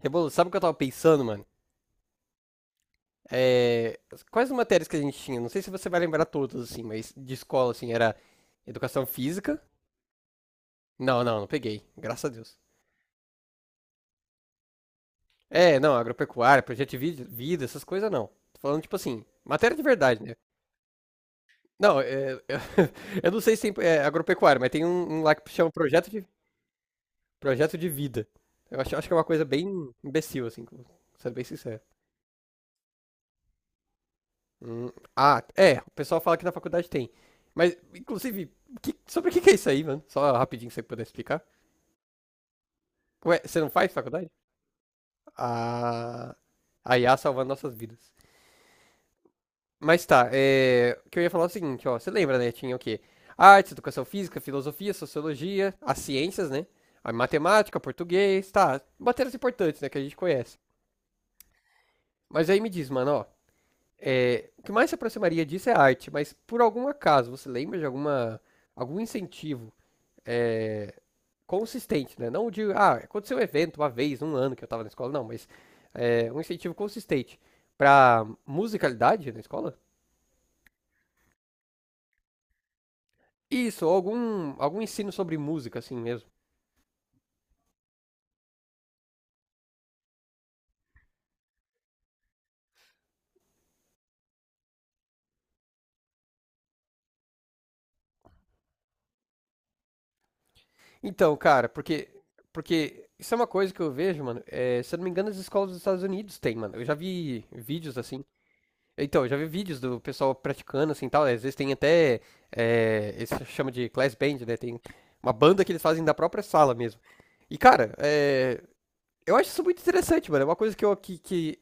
Rebolo, sabe o que eu tava pensando, mano? É, Quais as matérias que a gente tinha? Não sei se você vai lembrar todas, assim, mas de escola, assim, era educação física. Não, não, não peguei. Graças a Deus. Não, agropecuária, projeto de vida, essas coisas não. Tô falando, tipo assim, matéria de verdade, né? Não, eu não sei se tem agropecuária, mas tem um lá que chama projeto de vida. Eu acho que é uma coisa bem imbecil, assim, sendo bem sincero. O pessoal fala que na faculdade tem. Mas, inclusive, sobre o que que é isso aí, mano? Só rapidinho, se você puder explicar. Ué, você não faz faculdade? Ah, a IA salvando nossas vidas. Mas tá, o que eu ia falar é o seguinte, ó, você lembra, né? Tinha o quê? Artes, educação física, filosofia, sociologia, as ciências, né? A matemática, português, tá, matérias importantes, né, que a gente conhece. Mas aí me diz, mano, ó, o que mais se aproximaria disso é arte, mas por algum acaso, você lembra de alguma, algum incentivo é, consistente, né? Não de, ah, aconteceu um evento uma vez, um ano que eu tava na escola, não, mas um incentivo consistente para musicalidade na escola? Isso, algum ensino sobre música, assim mesmo. Então, cara, porque isso é uma coisa que eu vejo, mano. Se eu não me engano, as escolas dos Estados Unidos têm, mano. Eu já vi vídeos assim. Então, eu já vi vídeos do pessoal praticando, assim, tal. Às vezes tem até, eles chamam de class band, né? Tem uma banda que eles fazem da própria sala mesmo. E, cara, eu acho isso muito interessante, mano. É uma coisa que eu, que, que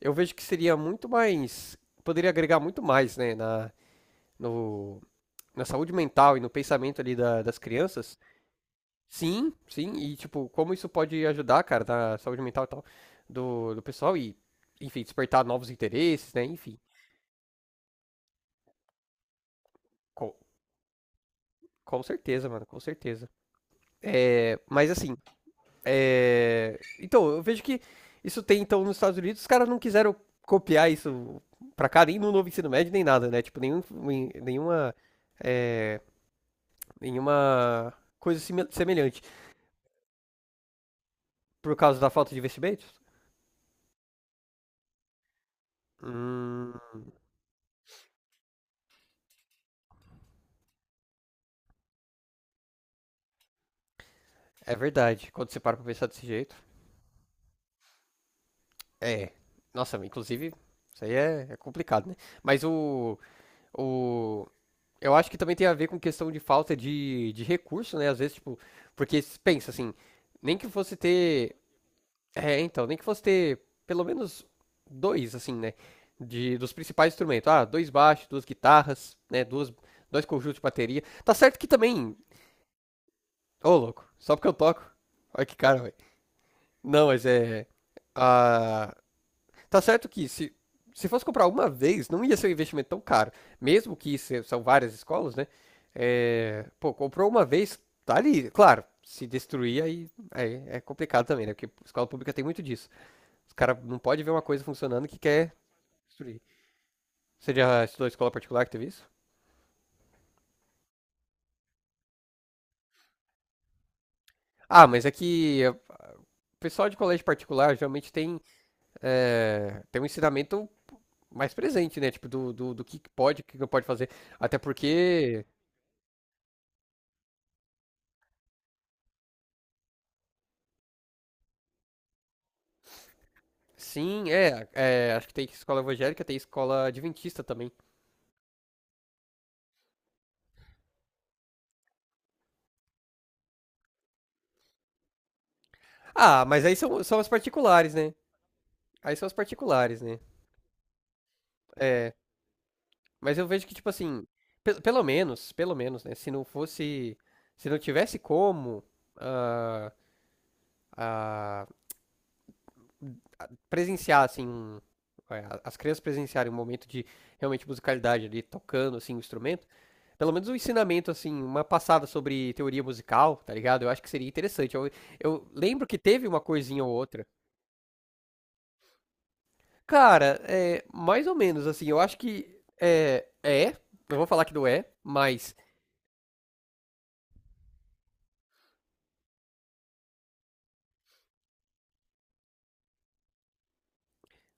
eu vejo que seria muito mais. Poderia agregar muito mais, né? No, na saúde mental e no pensamento ali das crianças. Sim, sim. E, tipo, como isso pode ajudar, cara, na saúde mental e tal do pessoal e, enfim, despertar novos interesses, né? Enfim, com, com certeza, mano, com certeza. Mas, assim, então, eu vejo que isso tem, então, nos Estados Unidos, os caras não quiseram copiar isso pra cá, nem no novo ensino médio, nem nada, né? Tipo, nenhuma, é, nenhuma coisa semelhante. Por causa da falta de investimentos? Hum, é verdade. Quando você para pra pensar desse jeito. É. Nossa, inclusive, isso aí é complicado, né? Mas o. Eu acho que também tem a ver com questão de falta de recurso, né? Às vezes, tipo. Porque se pensa assim, nem que fosse ter É, então, nem que fosse ter pelo menos dois, assim, né? Dos principais instrumentos. Ah, dois baixos, duas guitarras, né? Dois conjuntos de bateria. Tá certo que também. Ô, louco, só porque eu toco. Olha que cara, velho. Não, mas é. Ah, tá certo que se fosse comprar uma vez, não ia ser um investimento tão caro. Mesmo que são várias escolas, né? É, pô, comprou uma vez, tá ali. Claro, se destruir, aí é complicado também, né? Porque escola pública tem muito disso. Os caras não podem ver uma coisa funcionando que quer destruir. Você já estudou escola particular que teve isso? Ah, mas é que o pessoal de colégio particular geralmente tem, tem um ensinamento mais presente, né? Tipo, do que pode, o que não pode fazer. Até porque, sim, acho que tem escola evangélica, tem escola adventista também. Ah, mas aí são as particulares, né? Aí são as particulares, né? Mas eu vejo que, tipo assim, pelo menos, né? Se não tivesse como, ah, presenciar, assim, é, as crianças presenciarem um momento de realmente musicalidade ali, tocando, assim, o instrumento, pelo menos um ensinamento, assim, uma passada sobre teoria musical, tá ligado? Eu acho que seria interessante. Eu lembro que teve uma coisinha ou outra. Cara, mais ou menos, assim, eu acho que é, é, não vou falar que não é, mas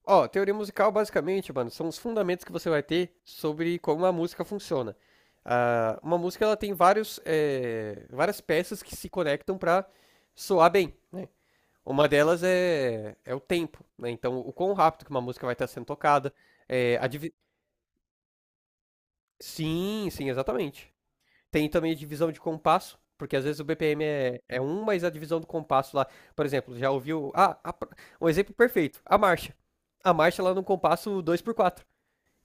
Ó, teoria musical basicamente, mano, são os fundamentos que você vai ter sobre como a música funciona. Ah, uma música ela tem várias peças que se conectam para soar bem, né? Uma delas é o tempo, né? Então, o quão rápido que uma música vai estar sendo tocada. eh, a divi- Sim, sim, exatamente. Tem também a divisão de compasso, porque às vezes o BPM é um, mas a divisão do compasso lá, por exemplo, já ouviu. Ah, um exemplo perfeito, a marcha. A marcha lá no compasso 2/4.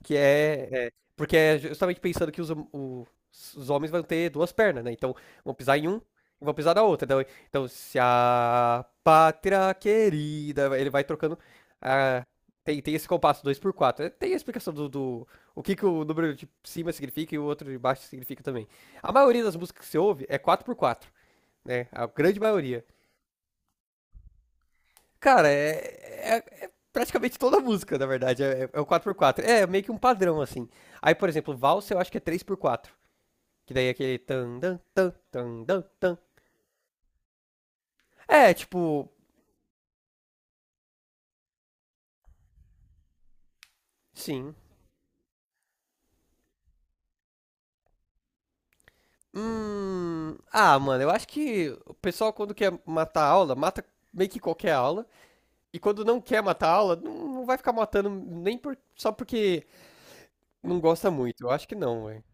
Porque é justamente pensando que os homens vão ter duas pernas, né? Então vão pisar em um e vão pisar na outra. Então, se a pátria querida. Ele vai trocando. ah, tem esse compasso 2/4. Tem a explicação do. O que, que o número de cima significa e o outro de baixo significa também. A maioria das músicas que você ouve é 4/4, né? A grande maioria. Cara, é praticamente toda a música, na verdade. É o 4/4. É meio que um padrão, assim. Aí, por exemplo, valsa eu acho que é 3/4. Que daí é aquele tan, dan, tan, tan, dan, tan. Tipo, sim. Hum. Ah, mano, eu acho que o pessoal quando quer matar a aula, mata meio que qualquer aula. E quando não quer matar a aula, não, não vai ficar matando nem só porque não gosta muito. Eu acho que não, velho.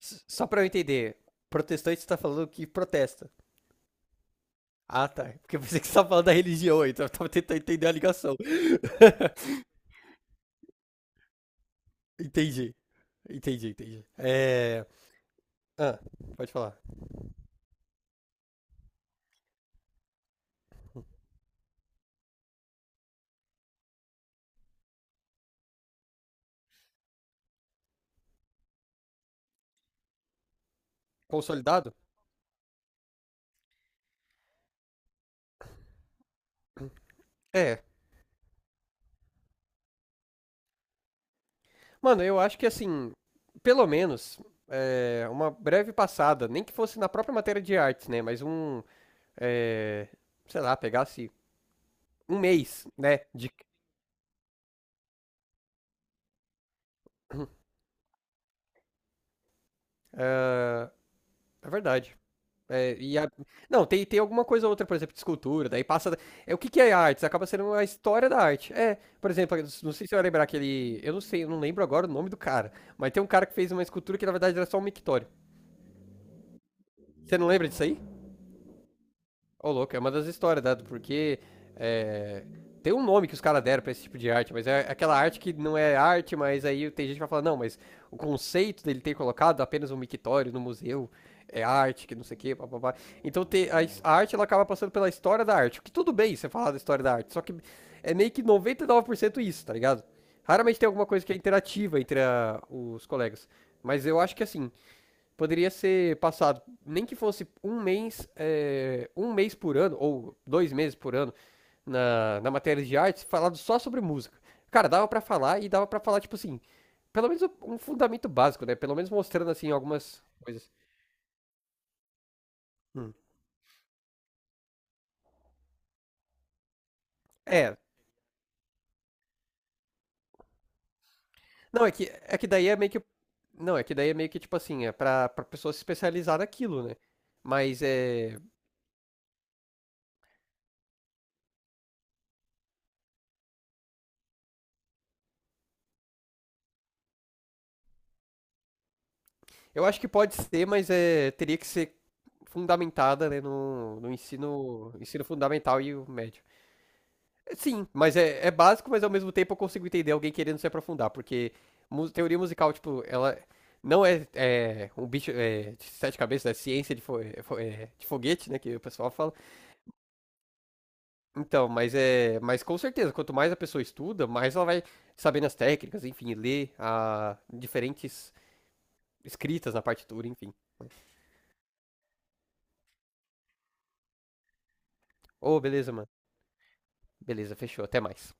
Só pra eu entender, protestante tá falando que protesta. Ah, tá. Porque eu pensei que você tava falando da religião aí, então eu tava tentando entender a ligação. Entendi. Entendi, entendi. É. Ah, pode falar. Consolidado? É. Mano, eu acho que assim, pelo menos, uma breve passada, nem que fosse na própria matéria de artes, né? Mas um. é, sei lá, pegasse um mês, né? De... É verdade. É, e a- Não, tem alguma coisa ou outra, por exemplo, de escultura, daí passa. O que que é arte? Isso acaba sendo a história da arte. Por exemplo, eu não sei se você vai lembrar aquele. Eu não sei, eu não lembro agora o nome do cara, mas tem um cara que fez uma escultura que na verdade era só um mictório. Você não lembra disso aí? Ô, louco, é uma das histórias, dado, porque é, tem um nome que os caras deram pra esse tipo de arte, mas é aquela arte que não é arte, mas aí tem gente que vai falar, não, mas o conceito dele ter colocado apenas um mictório no museu é arte, que não sei o quê, papapá. Então a arte ela acaba passando pela história da arte, o que tudo bem você falar da história da arte, só que é meio que 99% isso, tá ligado? Raramente tem alguma coisa que é interativa entre os colegas. Mas eu acho que assim, poderia ser passado, nem que fosse um mês, um mês por ano, ou dois meses por ano, na matéria de artes, falado só sobre música. Cara, dava pra falar e dava pra falar, tipo assim, pelo menos um fundamento básico, né? Pelo menos mostrando, assim, algumas coisas. Hum. É, não, é que daí é meio que. Não, é que daí é meio que, tipo assim, é pra pessoa se especializar naquilo, né? Mas é. Eu acho que pode ser, mas teria que ser fundamentada, né, no ensino fundamental e o médio. Sim, mas é básico, mas ao mesmo tempo eu consigo entender alguém querendo se aprofundar, porque teoria musical, tipo, ela não um bicho de sete cabeças, é ciência de, fo- é, de foguete, né, que o pessoal fala. Então, mas mas com certeza, quanto mais a pessoa estuda, mais ela vai sabendo as técnicas, enfim, ler a diferentes escritas na partitura, enfim. Ô, beleza, mano. Beleza, fechou. Até mais.